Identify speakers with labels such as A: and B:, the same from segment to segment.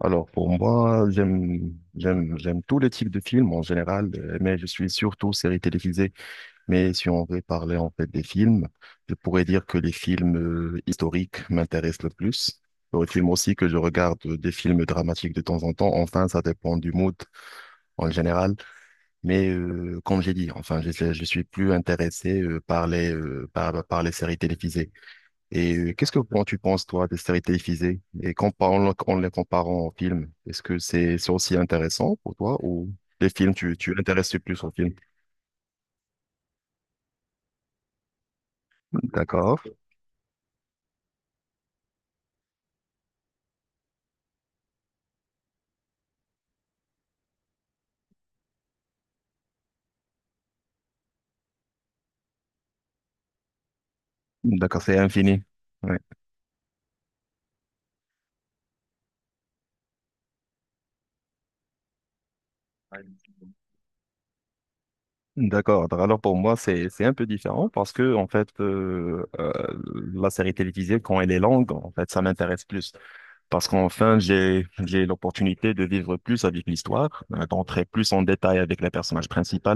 A: Alors, pour moi, j'aime tous les types de films en général, mais je suis surtout série télévisée. Mais si on veut parler en fait des films, je pourrais dire que les films historiques m'intéressent le plus. Les films aussi que je regarde des films dramatiques de temps en temps. Enfin, ça dépend du mood en général. Mais comme j'ai dit, enfin, je suis plus intéressé par par les séries télévisées. Et qu'est-ce que quand tu penses, toi, des séries télévisées en les comparant aux films, est-ce que c'est aussi intéressant pour toi ou les films, tu intéresses plus aux films? D'accord, d'accord, c'est infini. Ouais. D'accord. Alors pour moi, c'est un peu différent parce que en fait, la série télévisée, quand elle est longue, en fait, ça m'intéresse plus parce qu'enfin, j'ai l'opportunité de vivre plus avec l'histoire, d'entrer plus en détail avec les personnages principaux.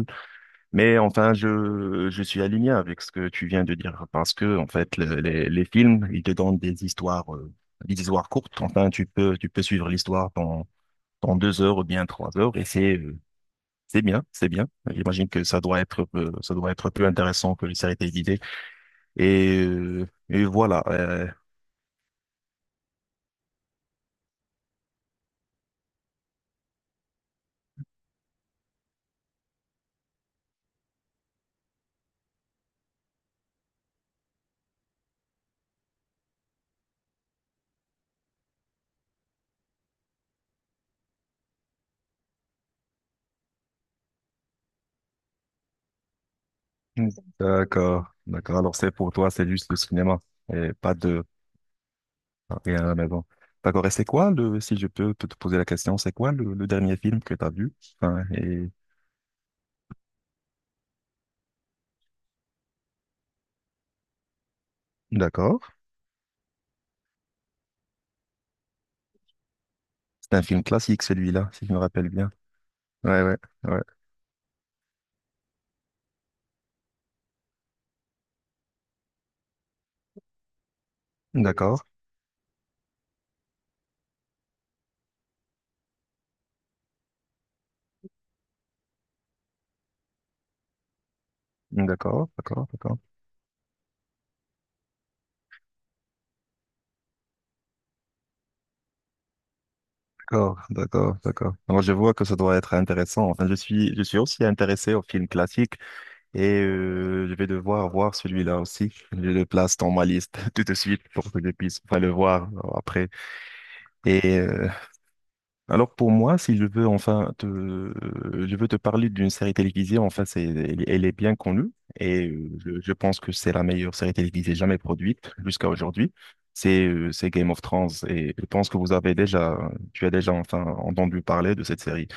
A: Mais enfin, je suis aligné avec ce que tu viens de dire parce que, en fait, les films, ils te donnent des histoires courtes. Enfin, tu peux suivre l'histoire dans 2 heures ou bien 3 heures et c'est bien, c'est bien. J'imagine que ça doit être plus intéressant que les séries télévisées. Et voilà. D'accord, d'accord. Alors, c'est pour toi, c'est juste le cinéma et pas de. Rien à la maison. D'accord. Et c'est quoi si je peux te poser la question, c'est quoi le dernier film que tu as vu? Enfin, et... D'accord. C'est un film classique, celui-là, si je me rappelle bien. Ouais, ouais, ouais. D'accord. D'accord, d'accord, d'accord. D'accord, d'accord, d'accord. Alors, je vois que ça doit être intéressant. Enfin, je suis aussi intéressé aux films classiques et je vais devoir voir celui-là aussi. Je le place dans ma liste tout de suite pour que je puisse enfin, le voir après. Et euh, Alors pour moi, si je veux enfin je veux te parler d'une série télévisée, enfin c'est, elle est bien connue et je pense que c'est la meilleure série télévisée jamais produite jusqu'à aujourd'hui. C'est Game of Thrones et je pense que tu as déjà enfin entendu parler de cette série.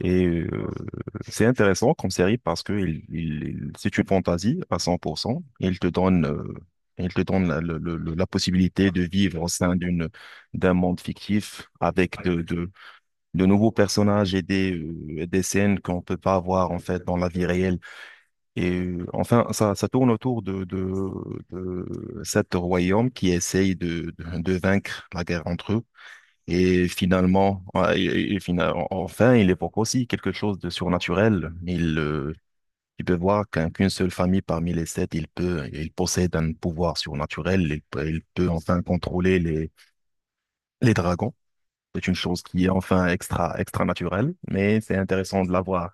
A: Et c'est intéressant comme série parce que c'est une fantaisie à 100%. Et il te donne la possibilité de vivre au sein d'un monde fictif avec de nouveaux personnages et des scènes qu'on peut pas avoir en fait dans la vie réelle. Et enfin, ça tourne autour de sept royaumes qui essayent de vaincre la guerre entre eux. Et finalement, ouais, enfin, il évoque aussi quelque chose de surnaturel. Il peut voir qu'une seule famille parmi les sept, il possède un pouvoir surnaturel. Il peut enfin contrôler les dragons. C'est une chose qui est enfin extra, extra naturelle, mais c'est intéressant de la voir.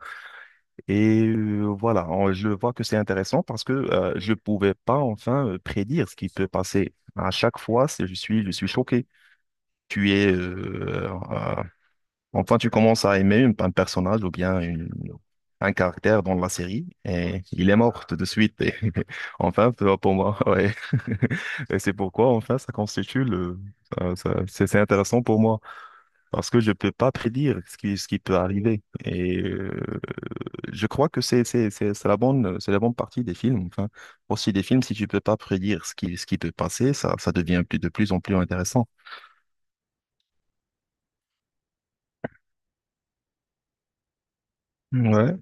A: Et voilà, je vois que c'est intéressant parce que je pouvais pas enfin prédire ce qui peut passer. À chaque fois, je suis choqué. Tu es, euh, euh, enfin, tu commences à aimer un personnage ou bien un caractère dans la série et il est mort tout de suite. Et enfin, pour moi, ouais. Et c'est pourquoi, enfin, ça constitue le, ça- ça- c'est intéressant pour moi parce que je peux pas prédire ce qui peut arriver. Et je crois que c'est la bonne, partie des films. Enfin, aussi des films, si tu peux pas prédire ce qui peut passer, ça devient de plus en plus intéressant. Ouais.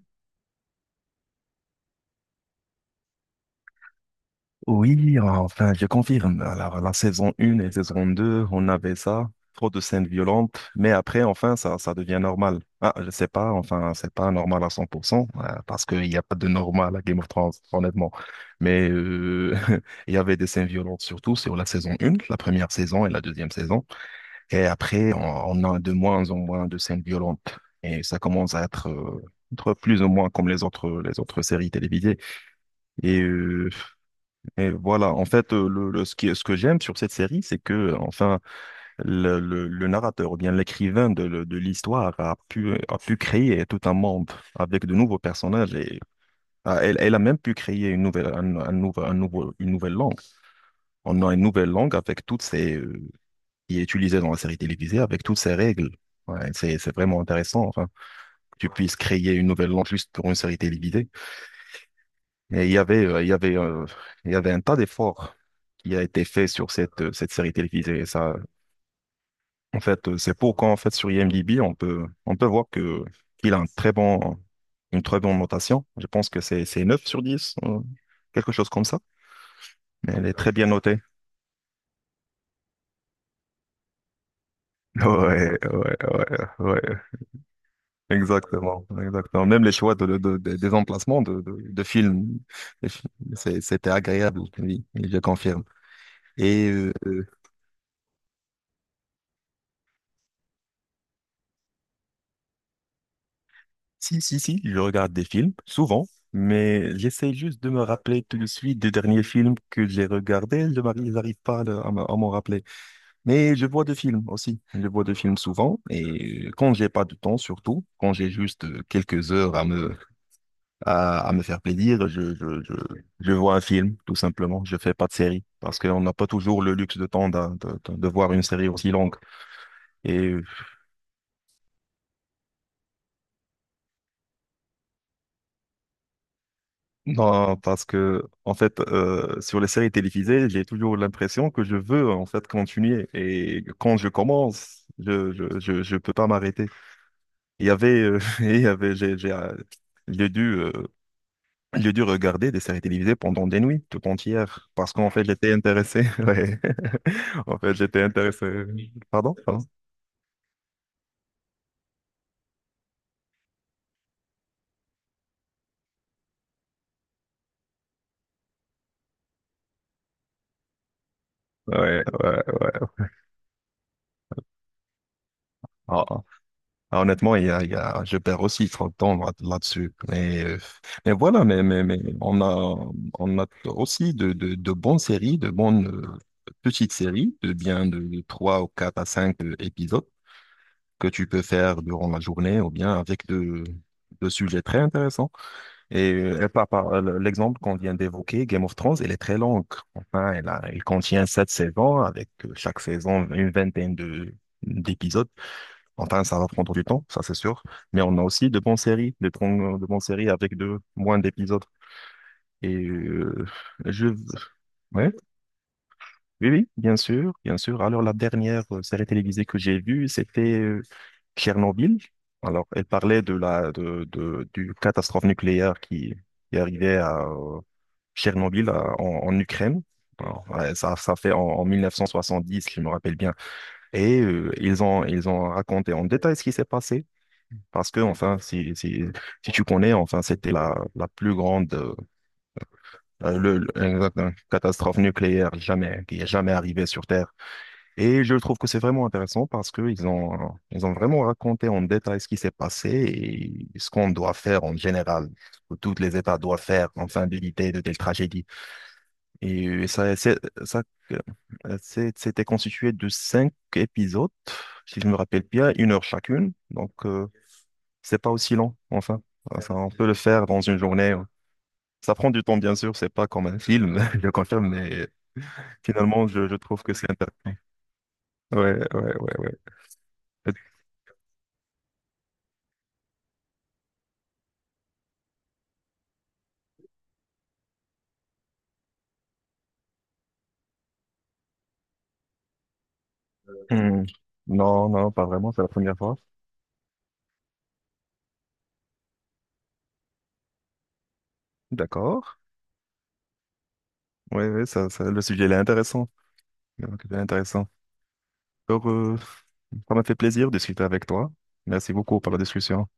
A: Oui, enfin, je confirme. Alors, la saison 1 et saison 2, on avait ça, trop de scènes violentes, mais après, enfin, ça devient normal. Ah, je sais pas, enfin, c'est pas normal à 100%, parce qu'il n'y a pas de normal à Game of Thrones, honnêtement. Mais il y avait des scènes violentes, surtout sur la saison 1, la première saison et la deuxième saison. Et après, on a de moins en moins de scènes violentes. Et ça commence à être plus ou moins comme les autres séries télévisées et euh, et voilà, en fait, ce que j'aime sur cette série, c'est que, enfin, le narrateur ou bien l'écrivain de l'histoire a pu créer tout un monde avec de nouveaux personnages et ah, elle a même pu créer une nouvelle, un nouveau, une nouvelle langue. On a une nouvelle langue avec toutes ces, qui est utilisée dans la série télévisée, avec toutes ces règles. Ouais, c'est vraiment intéressant, enfin, que tu puisses créer une nouvelle langue juste pour une série télévisée. Mais il y avait un tas d'efforts qui a été fait sur cette série télévisée. Et ça, en fait, c'est pourquoi, en fait, sur IMDb, on peut voir que, qu'il a une très bonne notation. Je pense que c'est 9/10 quelque chose comme ça. Mais elle est très bien notée. Ouais, ouais, ouais, ouais. Exactement, exactement. Même les choix des emplacements de films, les films, c'était agréable, oui, je confirme. Et euh, Si, si, si, je regarde des films, souvent, mais j'essaie juste de me rappeler tout de suite des derniers films que j'ai regardés. J'arrive pas à m'en rappeler. Mais je vois des films aussi. Je vois des films souvent. Et quand j'ai pas de temps, surtout, quand j'ai juste quelques heures à me faire plaisir, je vois un film, tout simplement. Je fais pas de série. Parce qu'on n'a pas toujours le luxe de temps de voir une série aussi longue. Et non, parce que en fait, sur les séries télévisées, j'ai toujours l'impression que je veux en fait continuer. Et quand je commence, je peux pas m'arrêter. Il y avait, euh, il y avait, j'ai j'ai euh, j'ai dû euh, j'ai dû regarder des séries télévisées pendant des nuits tout entières parce qu'en fait j'étais intéressé. Ouais. En fait, j'étais intéressé. Pardon? Pardon? Ouais, ouais, ouais. Ah, ah, honnêtement, je perds aussi trop de temps là-dessus. Mais voilà, mais on a aussi de bonnes séries, de bonnes petites séries, de bien de 3 ou 4 à 5 épisodes que tu peux faire durant la journée ou bien avec de sujets très intéressants. Et par l'exemple qu'on vient d'évoquer, Game of Thrones, elle est très longue. Enfin, elle contient 7 saisons avec chaque saison une vingtaine d'épisodes. Enfin, ça va prendre du temps, ça c'est sûr. Mais on a aussi de bonnes séries, de bonnes séries avec de moins d'épisodes. Et je, ouais, oui, oui, bien sûr, bien sûr. Alors la dernière série télévisée que j'ai vue, c'était Tchernobyl. Alors, elle parlait de la de du catastrophe nucléaire qui arrivait à Tchernobyl en Ukraine. Alors, ouais, ça fait en 1970, je me rappelle bien. Et ils ont raconté en détail ce qui s'est passé. Parce que, enfin, si tu connais, enfin, c'était la plus grande exact, hein, catastrophe nucléaire jamais, qui est jamais arrivée sur Terre. Et je trouve que c'est vraiment intéressant parce qu'ils ont vraiment raconté en détail ce qui s'est passé et ce qu'on doit faire en général, que tous les États doivent faire, enfin, d'éviter de telles tragédies. Et ça, euh, c'était constitué de cinq épisodes, si je me rappelle bien, 1 heure chacune. Donc, c'est pas aussi long, enfin. Enfin, on peut le faire dans une journée, hein. Ça prend du temps, bien sûr, c'est pas comme un film, je confirme, mais finalement, je trouve que c'est intéressant. Ouais, ouais, ouais, ouais. Hmm. Non, non, pas vraiment, c'est la première fois. D'accord. Oui, oui, le sujet, il est intéressant. Donc, il est intéressant. Alors, ça m'a fait plaisir de discuter avec toi. Merci beaucoup pour la discussion.